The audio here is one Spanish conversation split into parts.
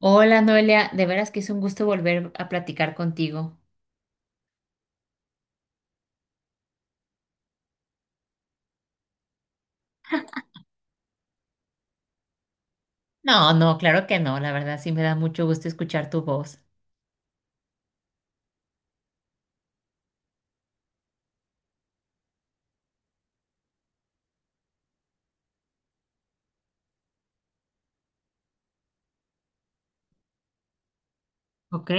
Hola Noelia, de veras que es un gusto volver a platicar contigo. No, no, claro que no, la verdad sí me da mucho gusto escuchar tu voz. ¿Ok?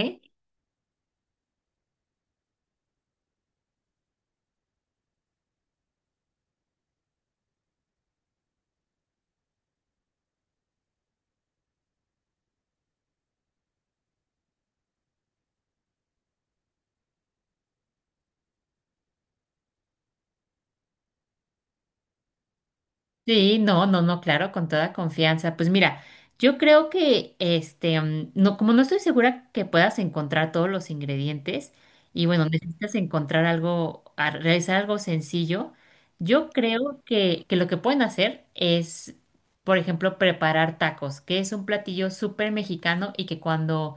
Sí, no, no, no, claro, con toda confianza. Pues mira, yo creo que no, como no estoy segura que puedas encontrar todos los ingredientes y bueno, necesitas encontrar algo, realizar algo sencillo, yo creo que lo que pueden hacer es, por ejemplo, preparar tacos, que es un platillo súper mexicano y que cuando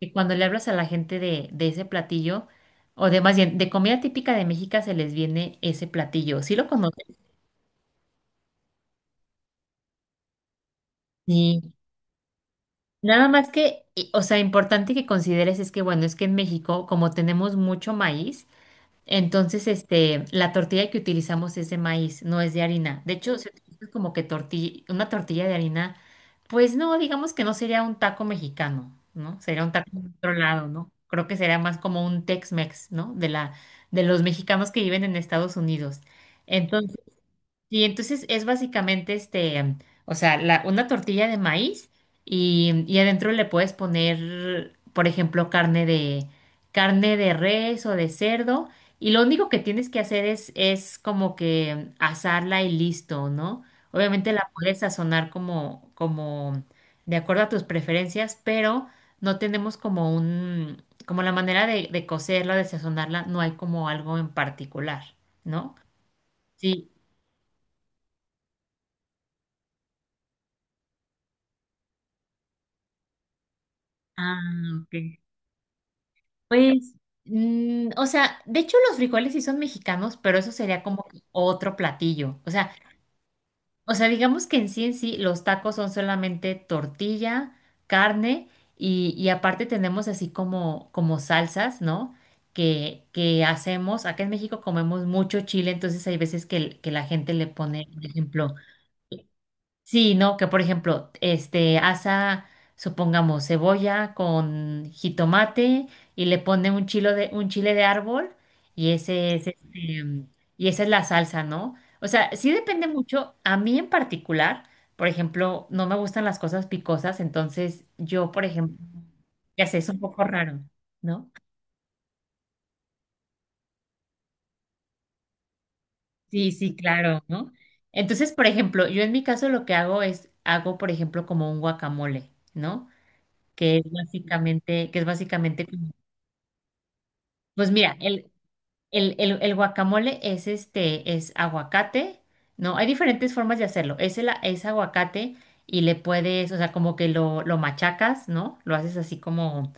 que cuando le hablas a la gente de ese platillo, o de más bien, de comida típica de México se les viene ese platillo. ¿Sí lo conoces? Sí. Nada más que, o sea, importante que consideres es que, bueno, es que en México, como tenemos mucho maíz. Entonces, la tortilla que utilizamos es de maíz, no es de harina. De hecho, se utiliza como que tortilla, una tortilla de harina, pues no, digamos que no sería un taco mexicano, ¿no? Sería un taco de otro lado, ¿no? Creo que sería más como un Tex-Mex, ¿no? De la, de los mexicanos que viven en Estados Unidos. Y entonces es básicamente o sea, una tortilla de maíz y adentro le puedes poner, por ejemplo, carne de res o de cerdo. Y lo único que tienes que hacer es como que asarla y listo, ¿no? Obviamente la puedes sazonar como de acuerdo a tus preferencias, pero no tenemos como un, como la manera de cocerla, de sazonarla, no hay como algo en particular, ¿no? Sí. Ah, ok. Pues, o sea, de hecho los frijoles sí son mexicanos, pero eso sería como que otro platillo. O sea, digamos que en sí los tacos son solamente tortilla, carne y aparte tenemos así como, como salsas, ¿no? Que hacemos, acá en México comemos mucho chile, entonces hay veces que que la gente le pone, por ejemplo. Sí, no, que por ejemplo, asa, supongamos, cebolla con jitomate y le pone un chile de árbol y ese es, y esa es la salsa, ¿no? O sea, sí depende mucho. A mí en particular, por ejemplo, no me gustan las cosas picosas, entonces yo, por ejemplo, ya sé, es un poco raro, ¿no? Sí, sí, claro, ¿no? Entonces, por ejemplo, yo en mi caso lo que hago hago, por ejemplo, como un guacamole, ¿no? Que es básicamente, como- Pues mira, el guacamole es es aguacate, ¿no? Hay diferentes formas de hacerlo. Es aguacate y le puedes, o sea, como que lo machacas, ¿no? Lo haces así como,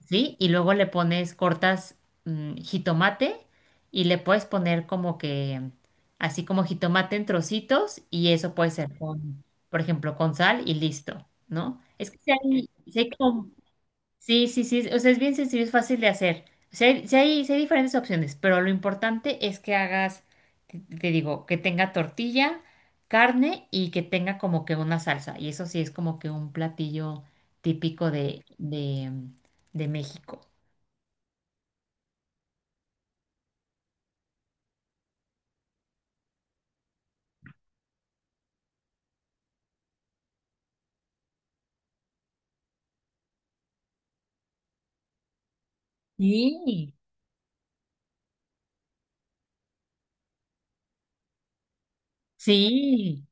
¿sí? Y luego le pones, cortas jitomate y le puedes poner como que, así como jitomate en trocitos y eso puede ser con, por ejemplo, con sal y listo, ¿no? Es que si hay, sí hay como. Sí, sí, sí, o sea, es bien sencillo, es fácil de hacer. O sea, hay, sí hay diferentes opciones, pero lo importante es que hagas, te digo, que tenga tortilla, carne y que tenga como que una salsa. Y eso sí es como que un platillo típico de México. Sí, sí,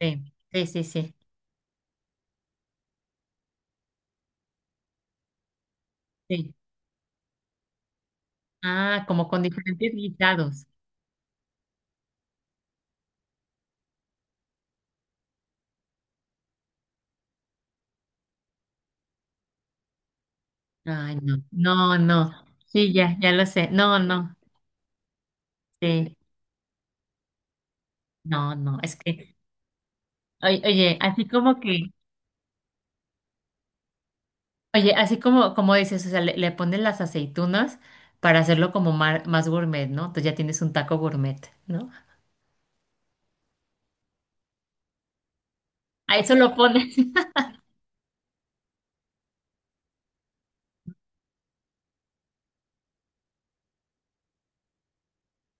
sí, sí, sí, sí, sí. Ah, como con diferentes guisados. Ay, no, no, no. Sí, ya, ya lo sé. No, no, sí, no, no. Es que. Oye, oye, así como que, oye, así como, como dices, o sea, le pones las aceitunas para hacerlo como más gourmet, ¿no? Entonces ya tienes un taco gourmet, ¿no? A eso lo pones.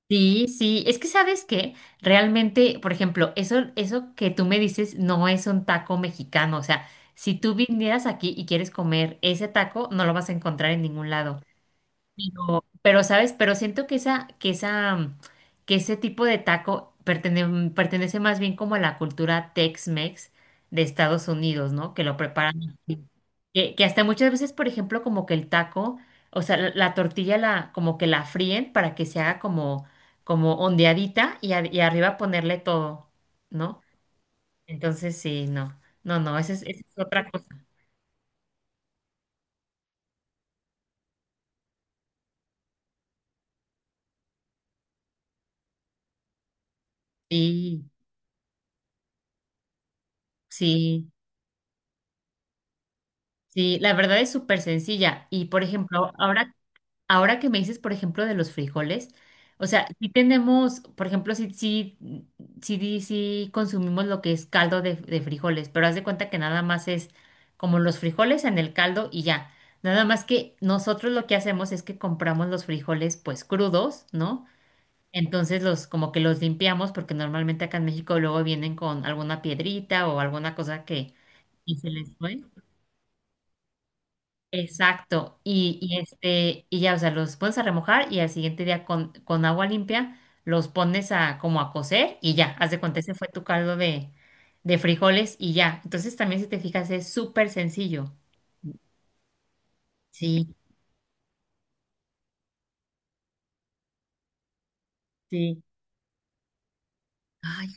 Sí, sí, es que sabes que realmente, por ejemplo, eso que tú me dices no es un taco mexicano, o sea, si tú vinieras aquí y quieres comer ese taco, no lo vas a encontrar en ningún lado. Pero, ¿sabes? Pero siento que ese tipo de taco pertenece más bien como a la cultura Tex-Mex de Estados Unidos, ¿no? Que lo preparan así. Que hasta muchas veces, por ejemplo, como que el taco, o sea, la tortilla como que la fríen para que se haga como, como ondeadita y y arriba ponerle todo, ¿no? Entonces, sí, no. No, no, esa es otra cosa. Sí, sí. Sí, la verdad es súper sencilla. Y por ejemplo, ahora. Ahora que me dices, por ejemplo, de los frijoles, o sea, sí tenemos, por ejemplo, sí, sí, sí, sí consumimos lo que es caldo de frijoles, pero haz de cuenta que nada más es como los frijoles en el caldo y ya. Nada más que nosotros lo que hacemos es que compramos los frijoles pues crudos, ¿no? Entonces los como que los limpiamos porque normalmente acá en México luego vienen con alguna piedrita o alguna cosa que se les fue. Exacto, y ya, o sea, los pones a remojar y al siguiente día con agua limpia los pones a como a cocer y ya, haz de cuenta, ese fue tu caldo de frijoles y ya. Entonces también si te fijas es súper sencillo. Sí, sí. Ay,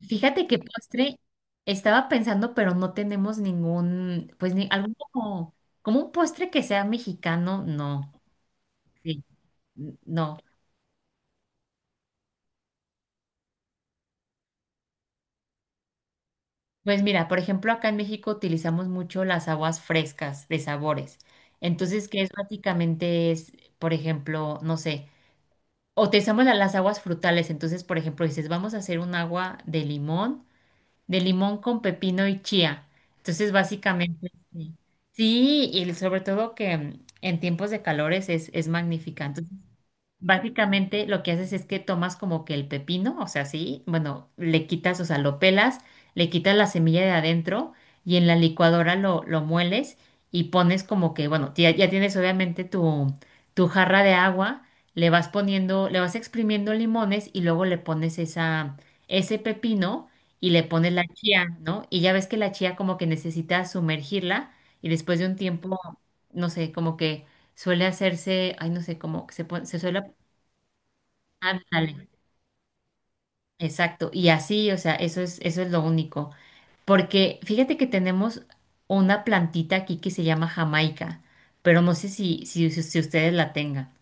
fíjate que postre estaba pensando, pero no tenemos ningún, pues ni algún como, como un postre que sea mexicano, no. Sí, no. Pues mira, por ejemplo, acá en México utilizamos mucho las aguas frescas de sabores. Entonces, que es básicamente es, por ejemplo, no sé, utilizamos las aguas frutales. Entonces, por ejemplo, dices, vamos a hacer un agua de limón con pepino y chía. Entonces, básicamente, sí. Sí, y sobre todo que en tiempos de calores es magnífica. Básicamente lo que haces es que tomas como que el pepino, o sea, sí, bueno, le quitas, o sea, lo pelas, le quitas la semilla de adentro y en la licuadora lo mueles y pones como que, bueno, ya, ya tienes obviamente tu, tu jarra de agua, le vas poniendo, le vas exprimiendo limones y luego le pones esa, ese pepino y le pones la chía, ¿no? Y ya ves que la chía como que necesita sumergirla y después de un tiempo, no sé, como que suele hacerse, ay, no sé, como que se suele. Ándale, exacto. Y así, o sea, eso es lo único. Porque fíjate que tenemos una plantita aquí que se llama Jamaica, pero no sé si si ustedes la tengan.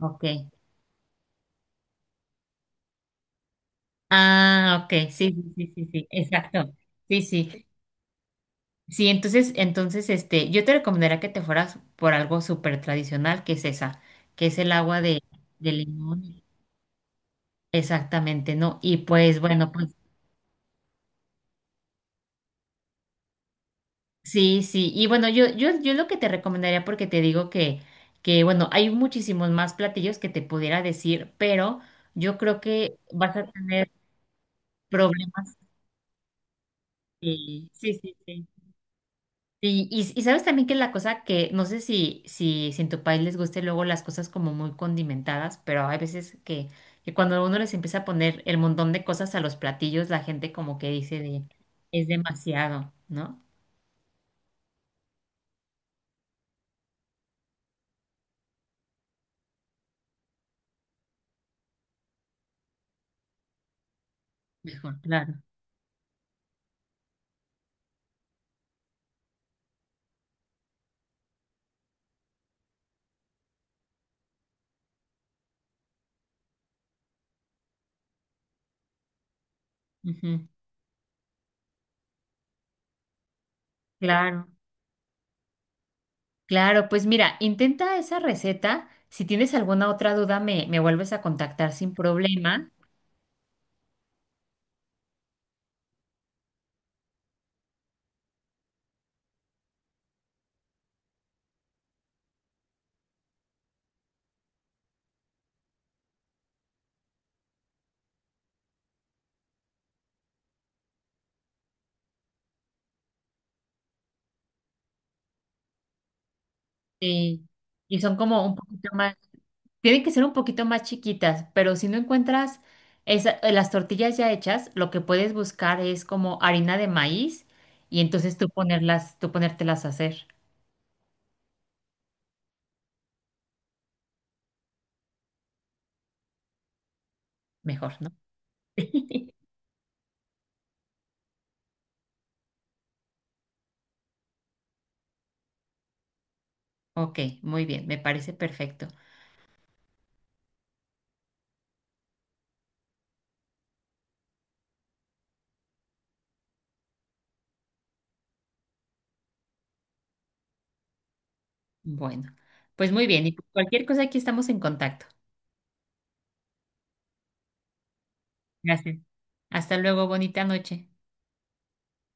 Ok. Ah, ok, sí, sí, sí, sí, sí, exacto. Sí, sí. Sí, entonces, entonces, yo te recomendaría que te fueras por algo súper tradicional, que es esa, que es el agua de limón. Exactamente, ¿no? Y pues, bueno, pues. Sí, sí, y bueno, yo lo que te recomendaría, porque te digo que, bueno, hay muchísimos más platillos que te pudiera decir, pero yo creo que vas a tener problemas. Sí, sí, sí, sí. Y sabes también que la cosa que, no sé si si en tu país les guste luego las cosas como muy condimentadas, pero hay veces que cuando uno les empieza a poner el montón de cosas a los platillos, la gente como que dice de, es demasiado, ¿no? Mejor, claro. Ujú. Claro. Claro, pues mira, intenta esa receta. Si tienes alguna otra duda, me vuelves a contactar sin problema. eh, y son como un poquito más, tienen que ser un poquito más chiquitas, pero si no encuentras las tortillas ya hechas, lo que puedes buscar es como harina de maíz y entonces tú ponerlas, tú ponértelas a hacer mejor, ¿no? Ok, muy bien, me parece perfecto. Bueno, pues muy bien, y cualquier cosa aquí estamos en contacto. Gracias. Hasta luego, bonita noche.